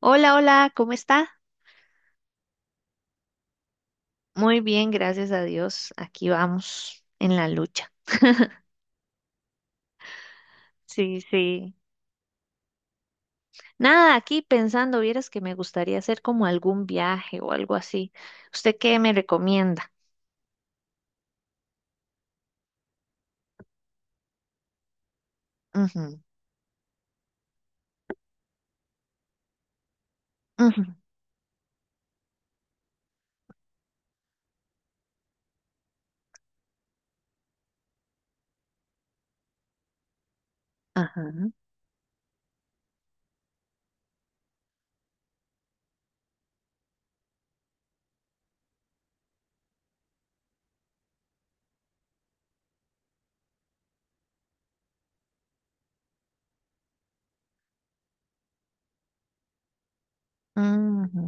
Hola, hola, ¿cómo está? Muy bien, gracias a Dios. Aquí vamos en la lucha. Sí, sí. Nada, aquí pensando, vieras que me gustaría hacer como algún viaje o algo así. ¿Usted qué me recomienda? Ujú, ujú, ajá, ujú,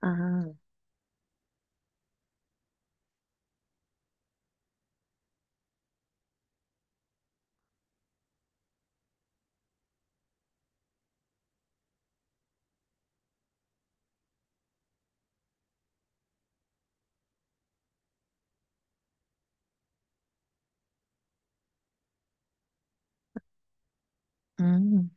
ajá, mm,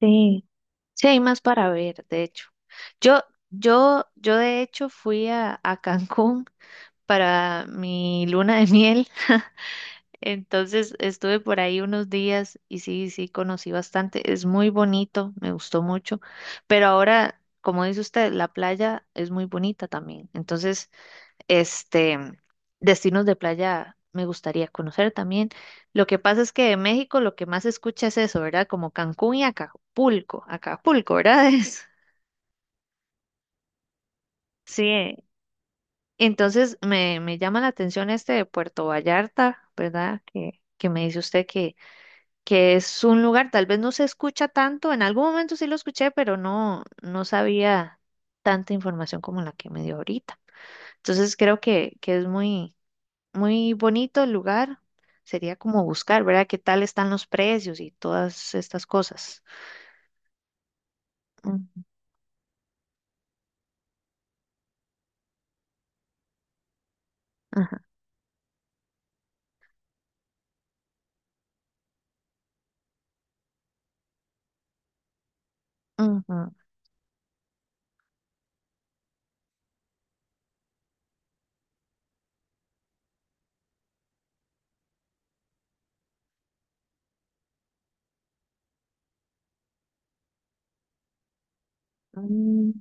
sí. Sí, hay más para ver, de hecho. Yo, yo de hecho fui a Cancún para mi luna de miel. Entonces estuve por ahí unos días y sí, sí, conocí bastante. Es muy bonito, me gustó mucho. Pero ahora, como dice usted, la playa es muy bonita también. Entonces, este, destinos de playa me gustaría conocer también. Lo que pasa es que de México lo que más se escucha es eso, ¿verdad? Como Cancún y Acapulco. Acapulco, ¿verdad? Es- sí. Entonces me llama la atención este de Puerto Vallarta, ¿verdad? Que me dice usted que es un lugar, tal vez no se escucha tanto, en algún momento sí lo escuché, pero no, no sabía tanta información como la que me dio ahorita. Entonces creo que es muy, muy bonito el lugar. Sería como buscar, ¿verdad? ¿Qué tal están los precios y todas estas cosas? Ujú, ajá, ujú, mm,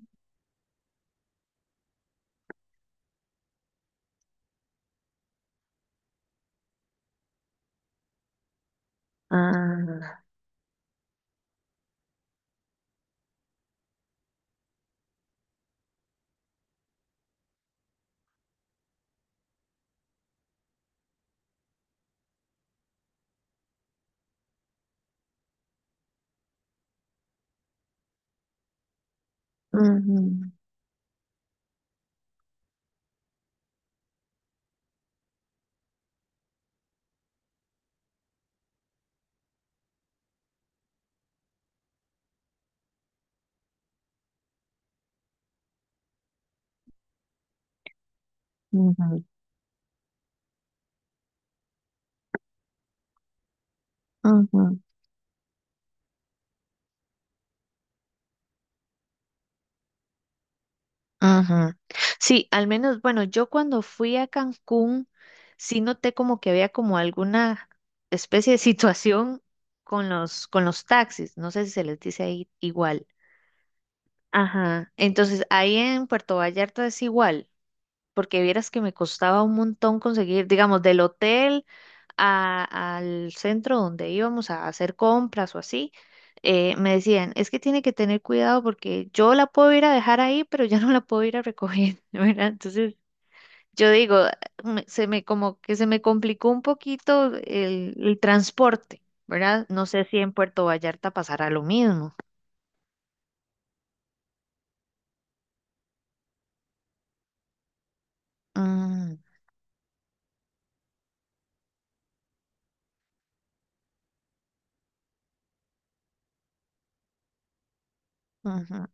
ah, ujú, ujú, ujú, ujú. Sí, al menos, bueno, yo cuando fui a Cancún, sí noté como que había como alguna especie de situación con con los taxis. No sé si se les dice ahí igual. Ajá. Entonces, ahí en Puerto Vallarta es igual porque vieras que me costaba un montón conseguir, digamos, del hotel al centro donde íbamos a hacer compras o así, me decían, es que tiene que tener cuidado porque yo la puedo ir a dejar ahí, pero ya no la puedo ir a recoger, ¿verdad? Entonces, yo digo, se me como que se me complicó un poquito el transporte, ¿verdad? No sé si en Puerto Vallarta pasará lo mismo. Mm, ujú,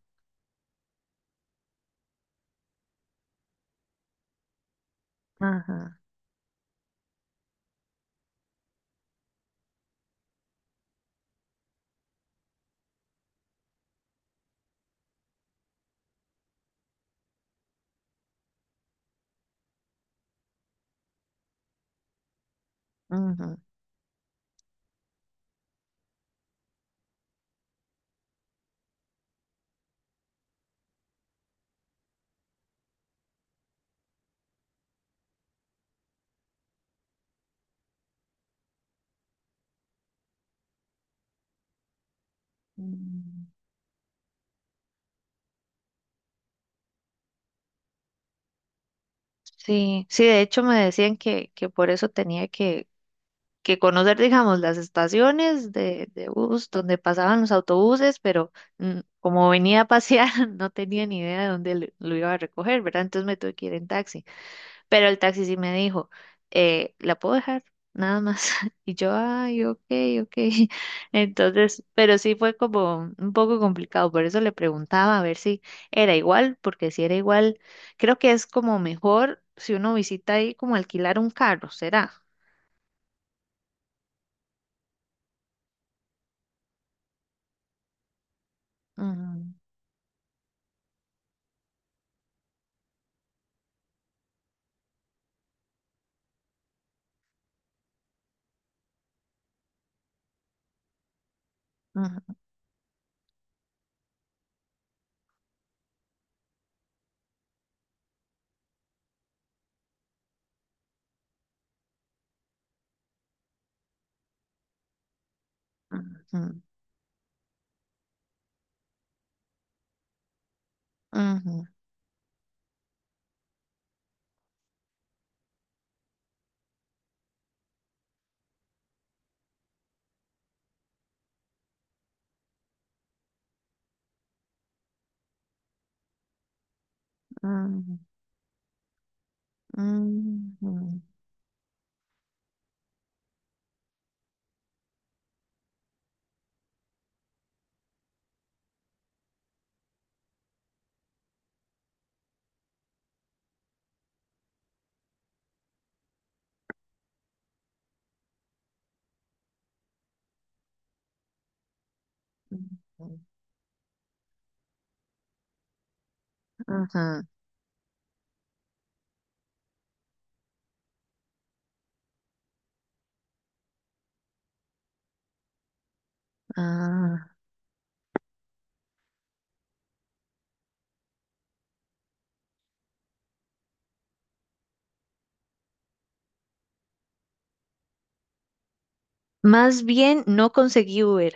ajá, ujú, mm. Sí, sí, de hecho me decían que por eso tenía que conocer, digamos, las estaciones de bus donde pasaban los autobuses, pero mm, como venía a pasear, no tenía ni idea de dónde lo iba a recoger, ¿verdad? Entonces me tuve que ir en taxi. Pero el taxi sí me dijo, ¿la puedo dejar? Nada más. Y yo, ay, ok, ok. Entonces, pero sí fue como un poco complicado, por eso le preguntaba a ver si era igual, porque si era igual, creo que es como mejor si uno visita ahí como alquilar un carro, ¿será? Ujú, ujú, ujú, ujú, ujú, ujú, ujú, ujú. Ajá, ah, más bien no conseguí Uber.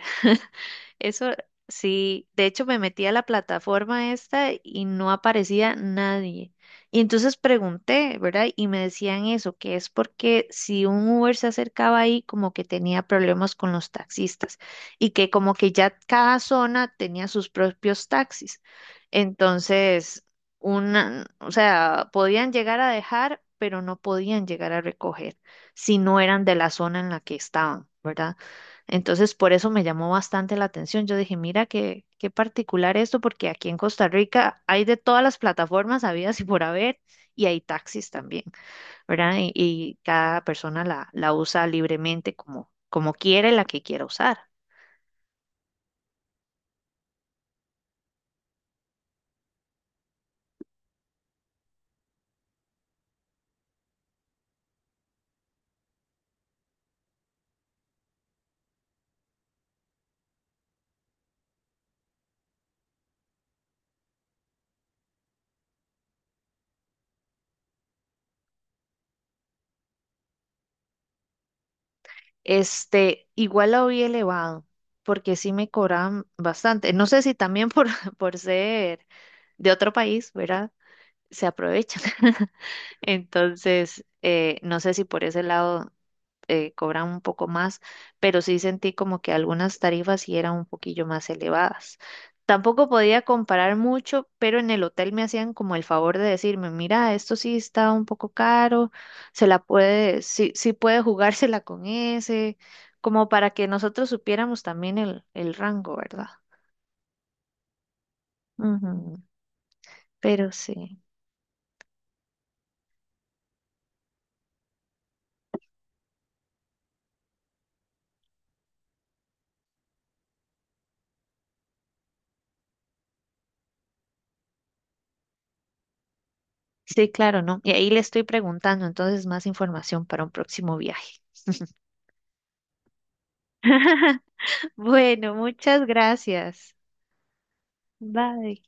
Eso sí, de hecho me metí a la plataforma esta y no aparecía nadie. Y entonces pregunté, ¿verdad? Y me decían eso, que es porque si un Uber se acercaba ahí, como que tenía problemas con los taxistas y que como que ya cada zona tenía sus propios taxis. Entonces, una, o sea, podían llegar a dejar, pero no podían llegar a recoger si no eran de la zona en la que estaban, ¿verdad? Entonces, por eso me llamó bastante la atención. Yo dije, mira, qué, qué particular esto, porque aquí en Costa Rica hay de todas las plataformas habidas y por haber, y hay taxis también, ¿verdad? Y cada persona la usa libremente como, como quiere, la que quiera usar. Este, igual lo vi elevado, porque sí me cobraban bastante. No sé si también por, por ser de otro país, ¿verdad? Se aprovechan. Entonces, no sé si por ese lado cobran un poco más, pero sí sentí como que algunas tarifas sí eran un poquillo más elevadas. Tampoco podía comparar mucho, pero en el hotel me hacían como el favor de decirme, mira, esto sí está un poco caro, se la puede, sí, sí puede jugársela con ese, como para que nosotros supiéramos también el rango, ¿verdad? Ujú, pero sí, sí, claro, ¿no? Y ahí le estoy preguntando, entonces más información para un próximo viaje. Bueno, muchas gracias. Bye.